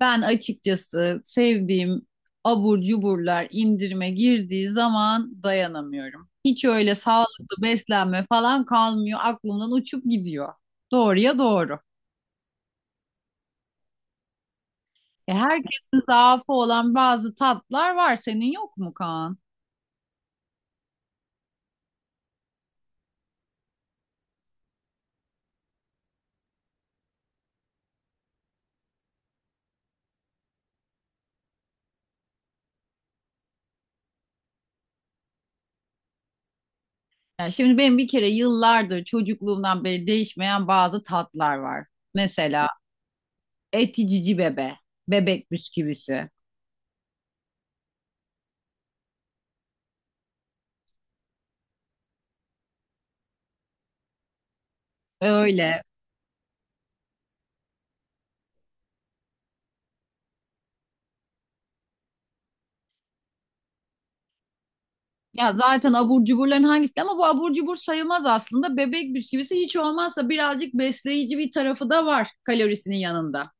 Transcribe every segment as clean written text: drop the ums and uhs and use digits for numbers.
Ben açıkçası sevdiğim abur cuburlar indirime girdiği zaman dayanamıyorum. Hiç öyle sağlıklı beslenme falan kalmıyor. Aklımdan uçup gidiyor. Doğruya doğru. E, herkesin zaafı olan bazı tatlar var. Senin yok mu, Kaan? Yani şimdi benim bir kere yıllardır çocukluğumdan beri değişmeyen bazı tatlar var. Mesela eti cici bebe, bebek bisküvisi. Öyle. Ya zaten abur cuburların hangisi ama bu abur cubur sayılmaz aslında. Bebek bisküvisi hiç olmazsa birazcık besleyici bir tarafı da var kalorisinin yanında.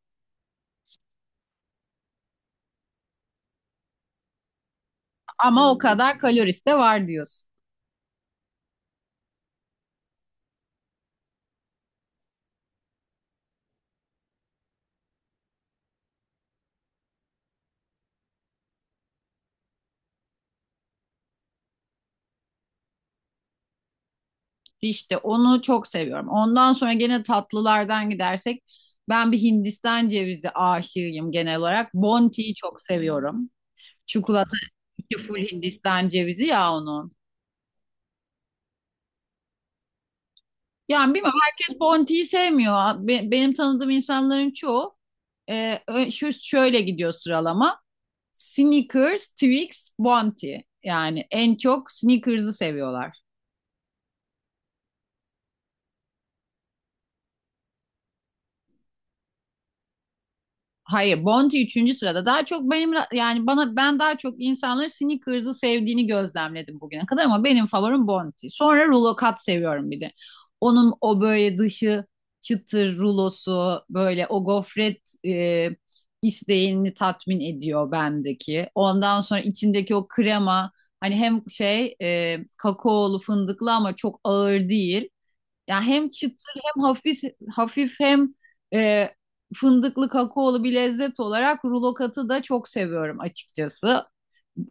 Ama o kadar kalorisi de var diyorsun. İşte onu çok seviyorum. Ondan sonra gene tatlılardan gidersek ben bir Hindistan cevizi aşığıyım genel olarak. Bounty'yi çok seviyorum. Çikolata içi full Hindistan cevizi ya onun. Yani bilmiyorum, herkes Bounty'yi sevmiyor. Benim tanıdığım insanların çoğu şu şöyle gidiyor sıralama. Snickers, Twix, Bounty. Yani en çok Snickers'ı seviyorlar. Hayır, Bounty üçüncü sırada. Daha çok benim yani bana ben daha çok insanların Snickers'ı sevdiğini gözlemledim bugüne kadar, ama benim favorim Bounty. Sonra rulo kat seviyorum bir de. Onun o böyle dışı çıtır rulosu, böyle o gofret isteğini tatmin ediyor bendeki. Ondan sonra içindeki o krema, hani hem şey kakaolu fındıklı ama çok ağır değil. Yani hem çıtır hem hafif hafif hem e, fındıklı kakaolu bir lezzet olarak rulo katı da çok seviyorum açıkçası.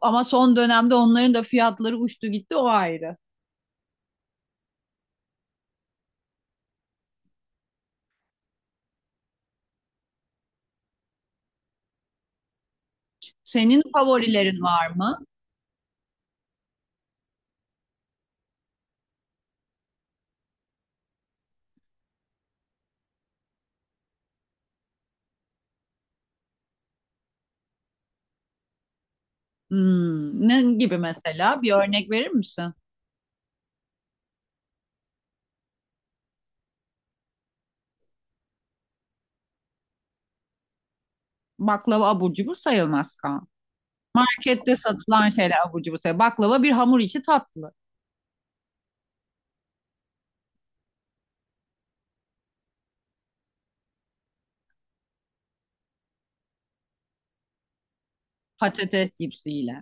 Ama son dönemde onların da fiyatları uçtu gitti, o ayrı. Senin favorilerin var mı? Ne gibi mesela? Bir örnek verir misin? Baklava abur cubur sayılmaz, kan. Markette satılan şeyler abur cubur sayılmaz. Baklava bir hamur içi tatlı. Patates cipsiyle.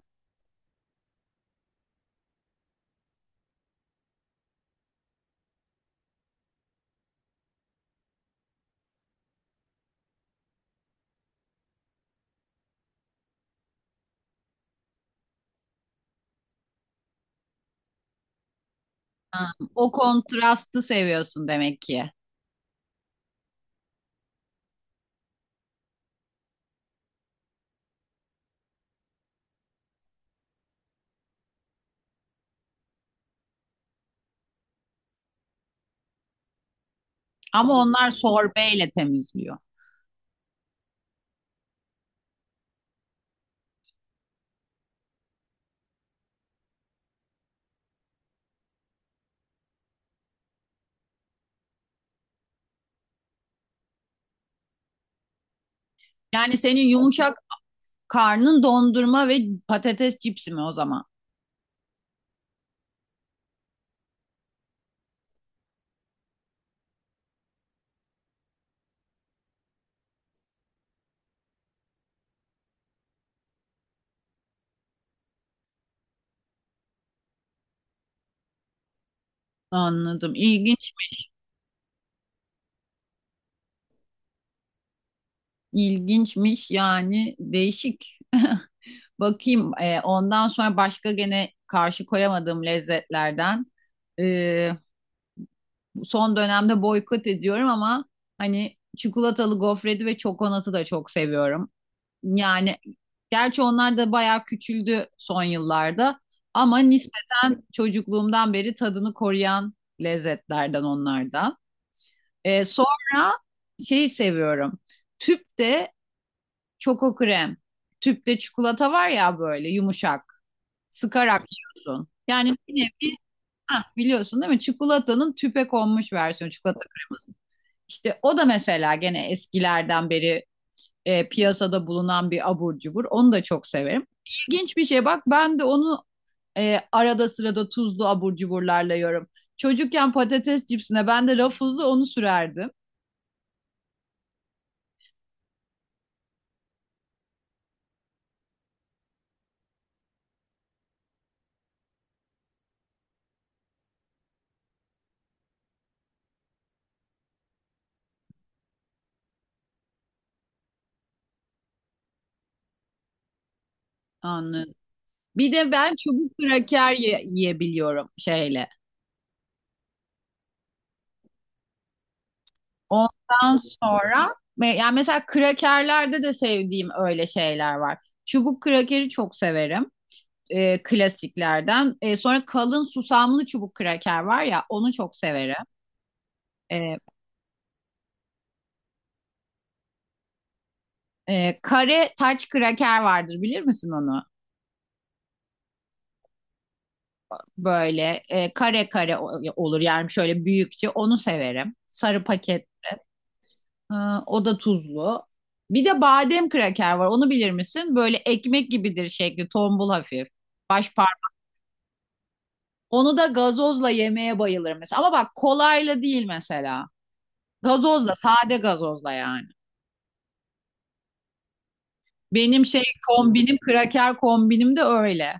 Ha, o kontrastı seviyorsun demek ki. Ama onlar sorbeyle temizliyor. Yani senin yumuşak karnın dondurma ve patates cipsi mi o zaman? Anladım. İlginç. İlginçmiş yani, değişik. Bakayım, ondan sonra başka gene karşı koyamadığım lezzetlerden. E, Son dönemde boykot ediyorum ama hani çikolatalı gofreti ve çokonatı da çok seviyorum. Yani gerçi onlar da bayağı küçüldü son yıllarda, ama nispeten çocukluğumdan beri tadını koruyan lezzetlerden onlar da. Sonra şeyi seviyorum. Tüp de Çoko krem. Tüpte çikolata var ya, böyle yumuşak. Sıkarak yiyorsun. Yani bir nevi, hah, biliyorsun değil mi? Çikolatanın tüpe konmuş versiyonu, çikolata kreması. İşte o da mesela gene eskilerden beri piyasada bulunan bir abur cubur. Onu da çok severim. İlginç bir şey, bak ben de onu arada sırada tuzlu abur cuburlarla yiyorum. Çocukken patates cipsine ben de rafızı onu sürerdim. Anladım. Bir de ben çubuk kraker yiyebiliyorum şeyle. Ondan sonra yani mesela krakerlerde de sevdiğim öyle şeyler var. Çubuk krakeri çok severim, klasiklerden. Sonra kalın susamlı çubuk kraker var ya, onu çok severim. E, Kare taç kraker vardır, bilir misin onu? Böyle kare kare olur yani, şöyle büyükçe, onu severim. Sarı paket, e, o da tuzlu. Bir de badem kraker var, onu bilir misin? Böyle ekmek gibidir, şekli tombul hafif. Baş Onu da gazozla yemeye bayılırım mesela. Ama bak, kolayla değil mesela. Gazozla, sade gazozla yani. Benim şey kombinim, kraker kombinim de öyle.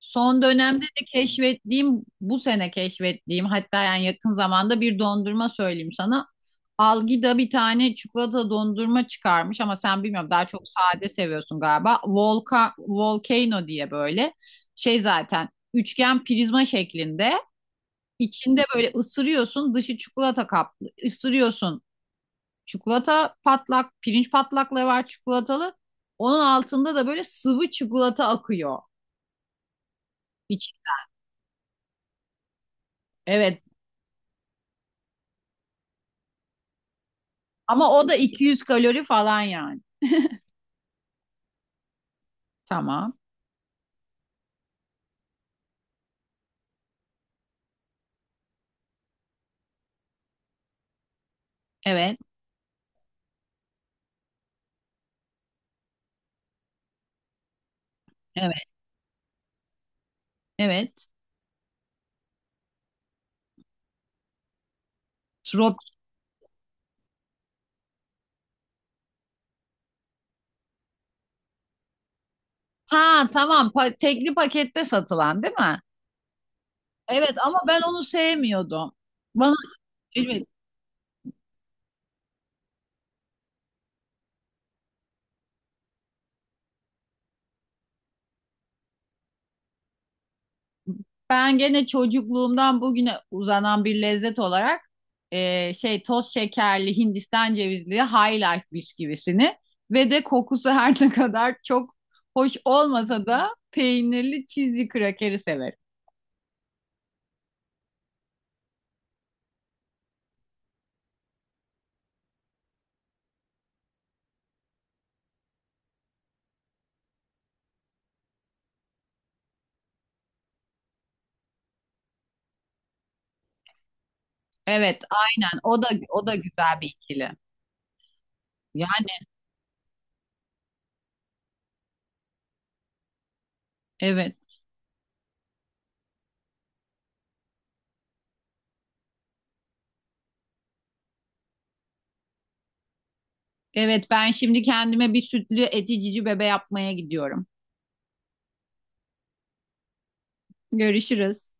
Son dönemde de keşfettiğim, bu sene keşfettiğim hatta, yani yakın zamanda bir dondurma söyleyeyim sana. Algida bir tane çikolata dondurma çıkarmış, ama sen bilmiyorum, daha çok sade seviyorsun galiba. Volka, Volcano diye, böyle şey zaten, üçgen prizma şeklinde. İçinde böyle ısırıyorsun, dışı çikolata kaplı. Isırıyorsun. Çikolata patlak, pirinç patlakları var çikolatalı. Onun altında da böyle sıvı çikolata akıyor. İç, evet. Ama o da 200 kalori falan yani. Tamam. Evet. Evet. Evet. Trop. Ha, tamam. Tekli pakette satılan değil mi? Evet, ama ben onu sevmiyordum. Bana Ben gene çocukluğumdan bugüne uzanan bir lezzet olarak şey toz şekerli Hindistan cevizli High Life bisküvisini ve de kokusu her ne kadar çok hoş olmasa da peynirli cheesy krakeri severim. Evet, aynen. O da güzel bir ikili. Yani, evet. Evet, ben şimdi kendime bir sütlü eti cici bebe yapmaya gidiyorum. Görüşürüz.